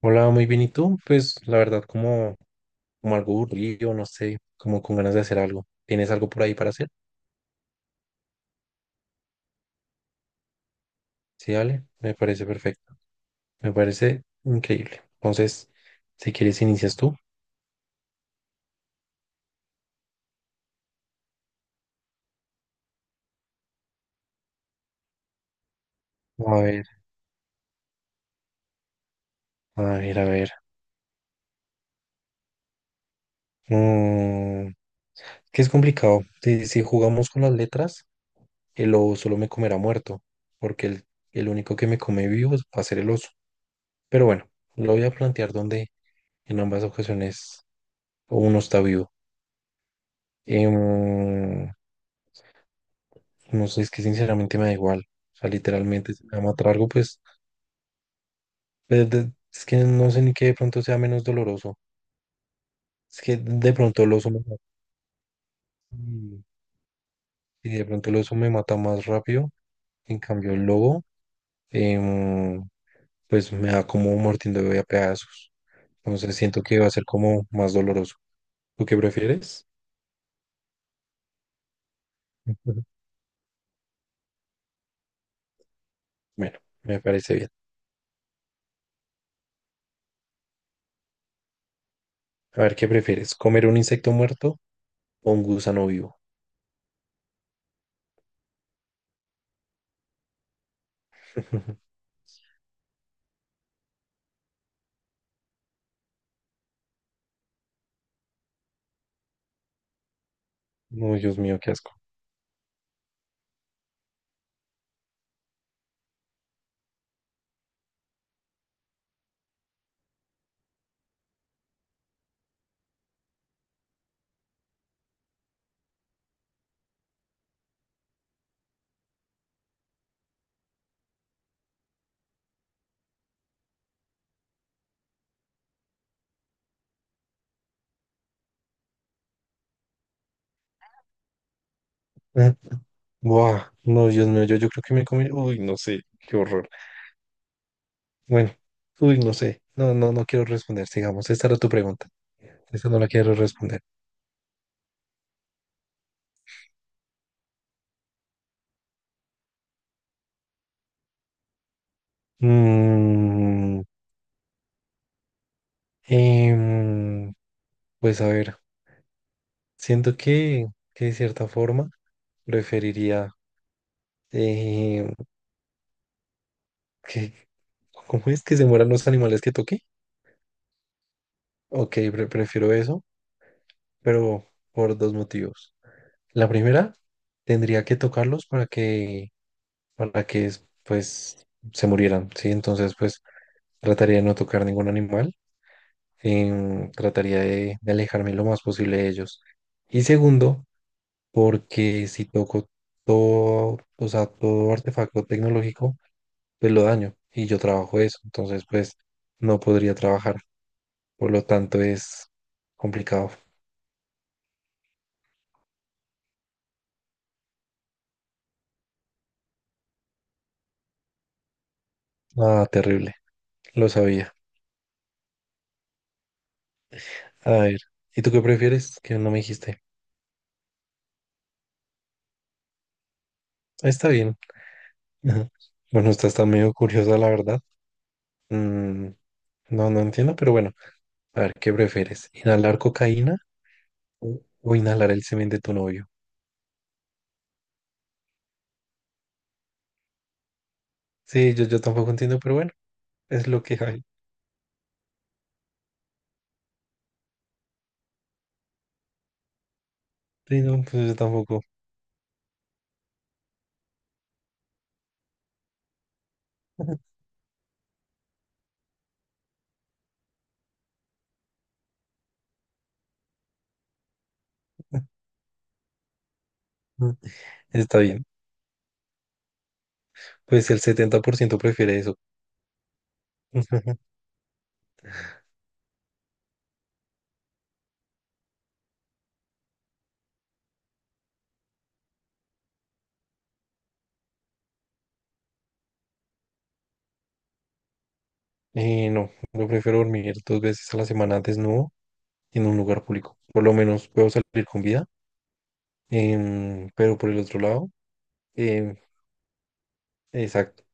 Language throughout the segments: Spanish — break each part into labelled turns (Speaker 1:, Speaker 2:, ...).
Speaker 1: Hola, muy bien. ¿Y tú? Pues la verdad, como algo aburrido, no sé, como con ganas de hacer algo. ¿Tienes algo por ahí para hacer? Sí, dale, me parece perfecto. Me parece increíble. Entonces, si quieres, inicias tú. A ver, a ver, a ver. Mm, que es complicado. Si jugamos con las letras, el lobo solo me comerá muerto, porque el único que me come vivo va a ser el oso. Pero bueno, lo voy a plantear donde en ambas ocasiones uno está vivo. Em, No sé, es que sinceramente me da igual. O sea, literalmente, si me va a matar algo, pues es que no sé ni qué de pronto sea menos doloroso. Es que de pronto el oso me mata. Y y de pronto el oso me mata más rápido. En cambio, el lobo, em, pues me da como mordiendo a pedazos. Entonces siento que va a ser como más doloroso. ¿Tú qué prefieres? Ujú. Bueno, me parece bien. A ver, ¿qué prefieres? ¿Comer un insecto muerto o un gusano vivo? No, Dios mío, qué asco. Buah, no, Dios mío, yo creo que me comí. Uy, no sé, qué horror. Bueno, uy, no sé. No, no, no quiero responder. Sigamos, esta era tu pregunta. Esta no la quiero responder. Mm, em, pues a ver, siento que de cierta forma preferiría eh, que, ¿cómo es que se mueran los animales que toqué? Ok, prefiero eso, pero por dos motivos. La primera, tendría que tocarlos para que pues se murieran, ¿sí? Entonces pues trataría de no tocar ningún animal, trataría de alejarme lo más posible de ellos. Y segundo, porque si toco todo, o sea, todo artefacto tecnológico, pues lo daño y yo trabajo eso, entonces pues no podría trabajar, por lo tanto es complicado. Ah, terrible, lo sabía. A ver, ¿y tú qué prefieres? Que no me dijiste. Está bien. Bueno, estás tan medio curiosa, la verdad. Mm, no, no entiendo, pero bueno, a ver, ¿qué prefieres? ¿Inhalar cocaína o inhalar el semen de tu novio? Sí, yo tampoco entiendo, pero bueno, es lo que hay. Sí, no, pues yo tampoco. Mm, Está bien. Pues el 70% prefiere eso. Y no, yo prefiero dormir dos veces a la semana desnudo en un lugar público. Por lo menos puedo salir con vida. Pero por el otro lado, em, exacto,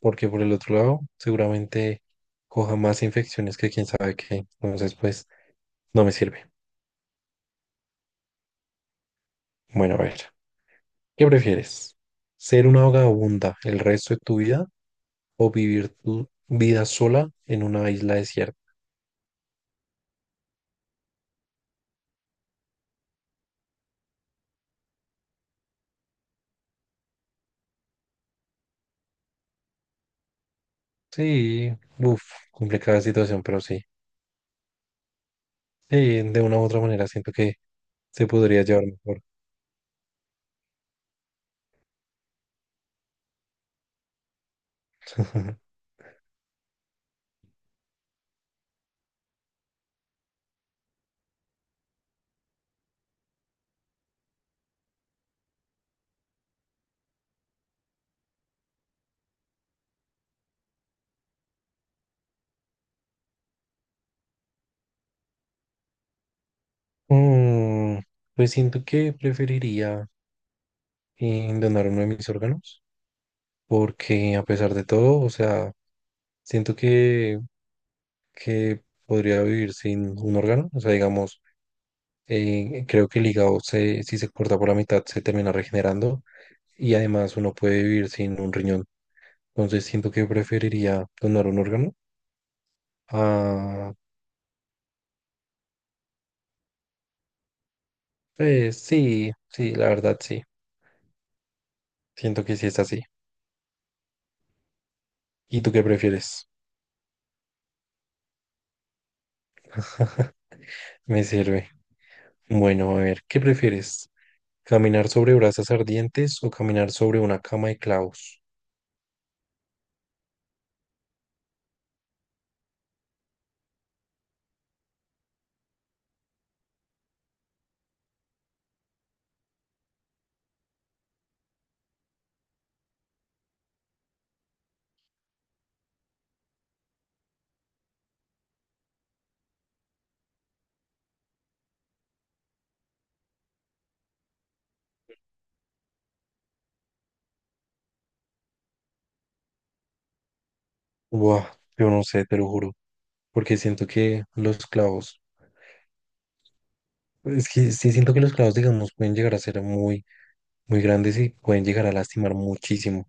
Speaker 1: porque por el otro lado seguramente coja más infecciones que quién sabe qué. Entonces, pues... No me sirve. Bueno, a ver, ¿qué prefieres? ¿Ser una vagabunda el resto de tu vida o vivir tu vida sola en una isla desierta? Sí, uff, complicada situación, pero sí. Sí, de una u otra manera siento que se podría llevar mejor. Mm, pues siento que preferiría donar uno de mis órganos, porque a pesar de todo, o sea, siento que podría vivir sin un órgano, o sea, digamos. Creo que el hígado, si se corta por la mitad, se termina regenerando y además uno puede vivir sin un riñón. Entonces siento que preferiría donar un órgano. Ah, pues sí, sí, la verdad sí. Siento que sí es así. ¿Y tú qué prefieres? Me sirve. Bueno, a ver, ¿qué prefieres? ¿Caminar sobre brasas ardientes o caminar sobre una cama de clavos? Buah, yo no sé, te lo juro, porque siento que los clavos, es que sí siento que los clavos, digamos, pueden llegar a ser muy muy grandes y pueden llegar a lastimar muchísimo.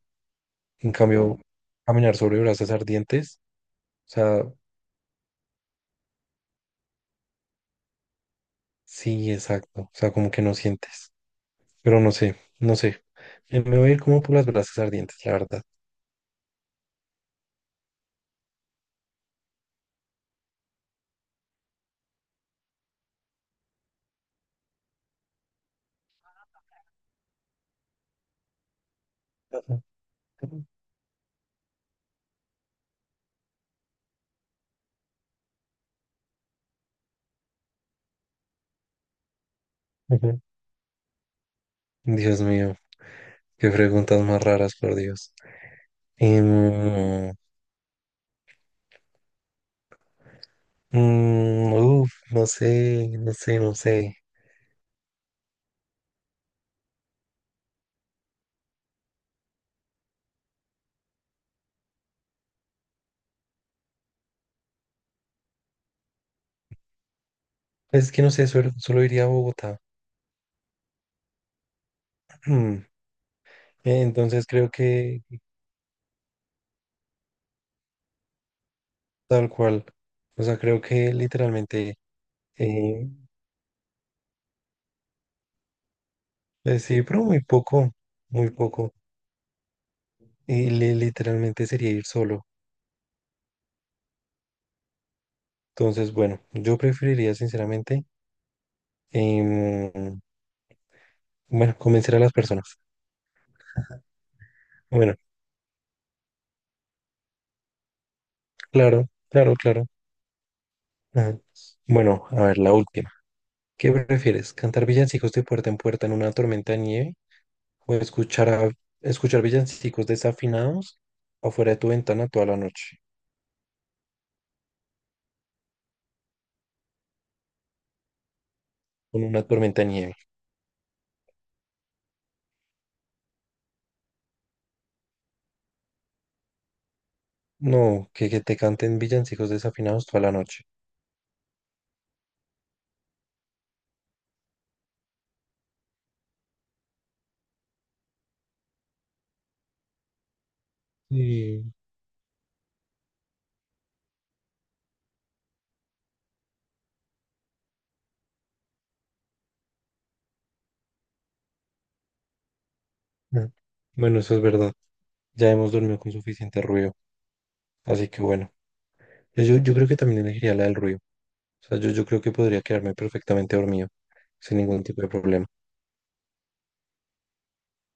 Speaker 1: En cambio, caminar sobre brasas ardientes, o sea, sí, exacto, o sea, como que no sientes, pero no sé, no sé. Me voy a ir como por las brasas ardientes, la verdad. Ujú. Dios mío, qué preguntas más raras, por Dios. Em, no sé, no sé, no sé. Es que no sé, solo iría a Bogotá. Entonces creo que tal cual, o sea, creo que literalmente... Eh, sí, pero muy poco, muy poco. Y literalmente sería ir solo. Entonces, bueno, yo preferiría sinceramente, em, bueno, convencer a las personas. Bueno, claro, claro, claro. Ajá. Bueno, a ver, la última. ¿Qué prefieres? ¿Cantar villancicos de puerta en puerta en una tormenta de nieve? ¿O escuchar, escuchar villancicos desafinados afuera de tu ventana toda la noche con una tormenta de nieve? No, que te canten villancicos desafinados toda la noche. Sí. Mm. Bueno, eso es verdad. Ya hemos dormido con suficiente ruido. Así que bueno, yo creo que también elegiría la del ruido. O sea, yo creo que podría quedarme perfectamente dormido sin ningún tipo de problema.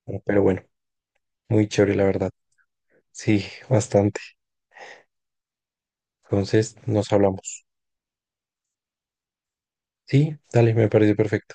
Speaker 1: Pero bueno, muy chévere, la verdad. Sí, bastante. Entonces, nos hablamos. Sí, dale, me parece perfecto.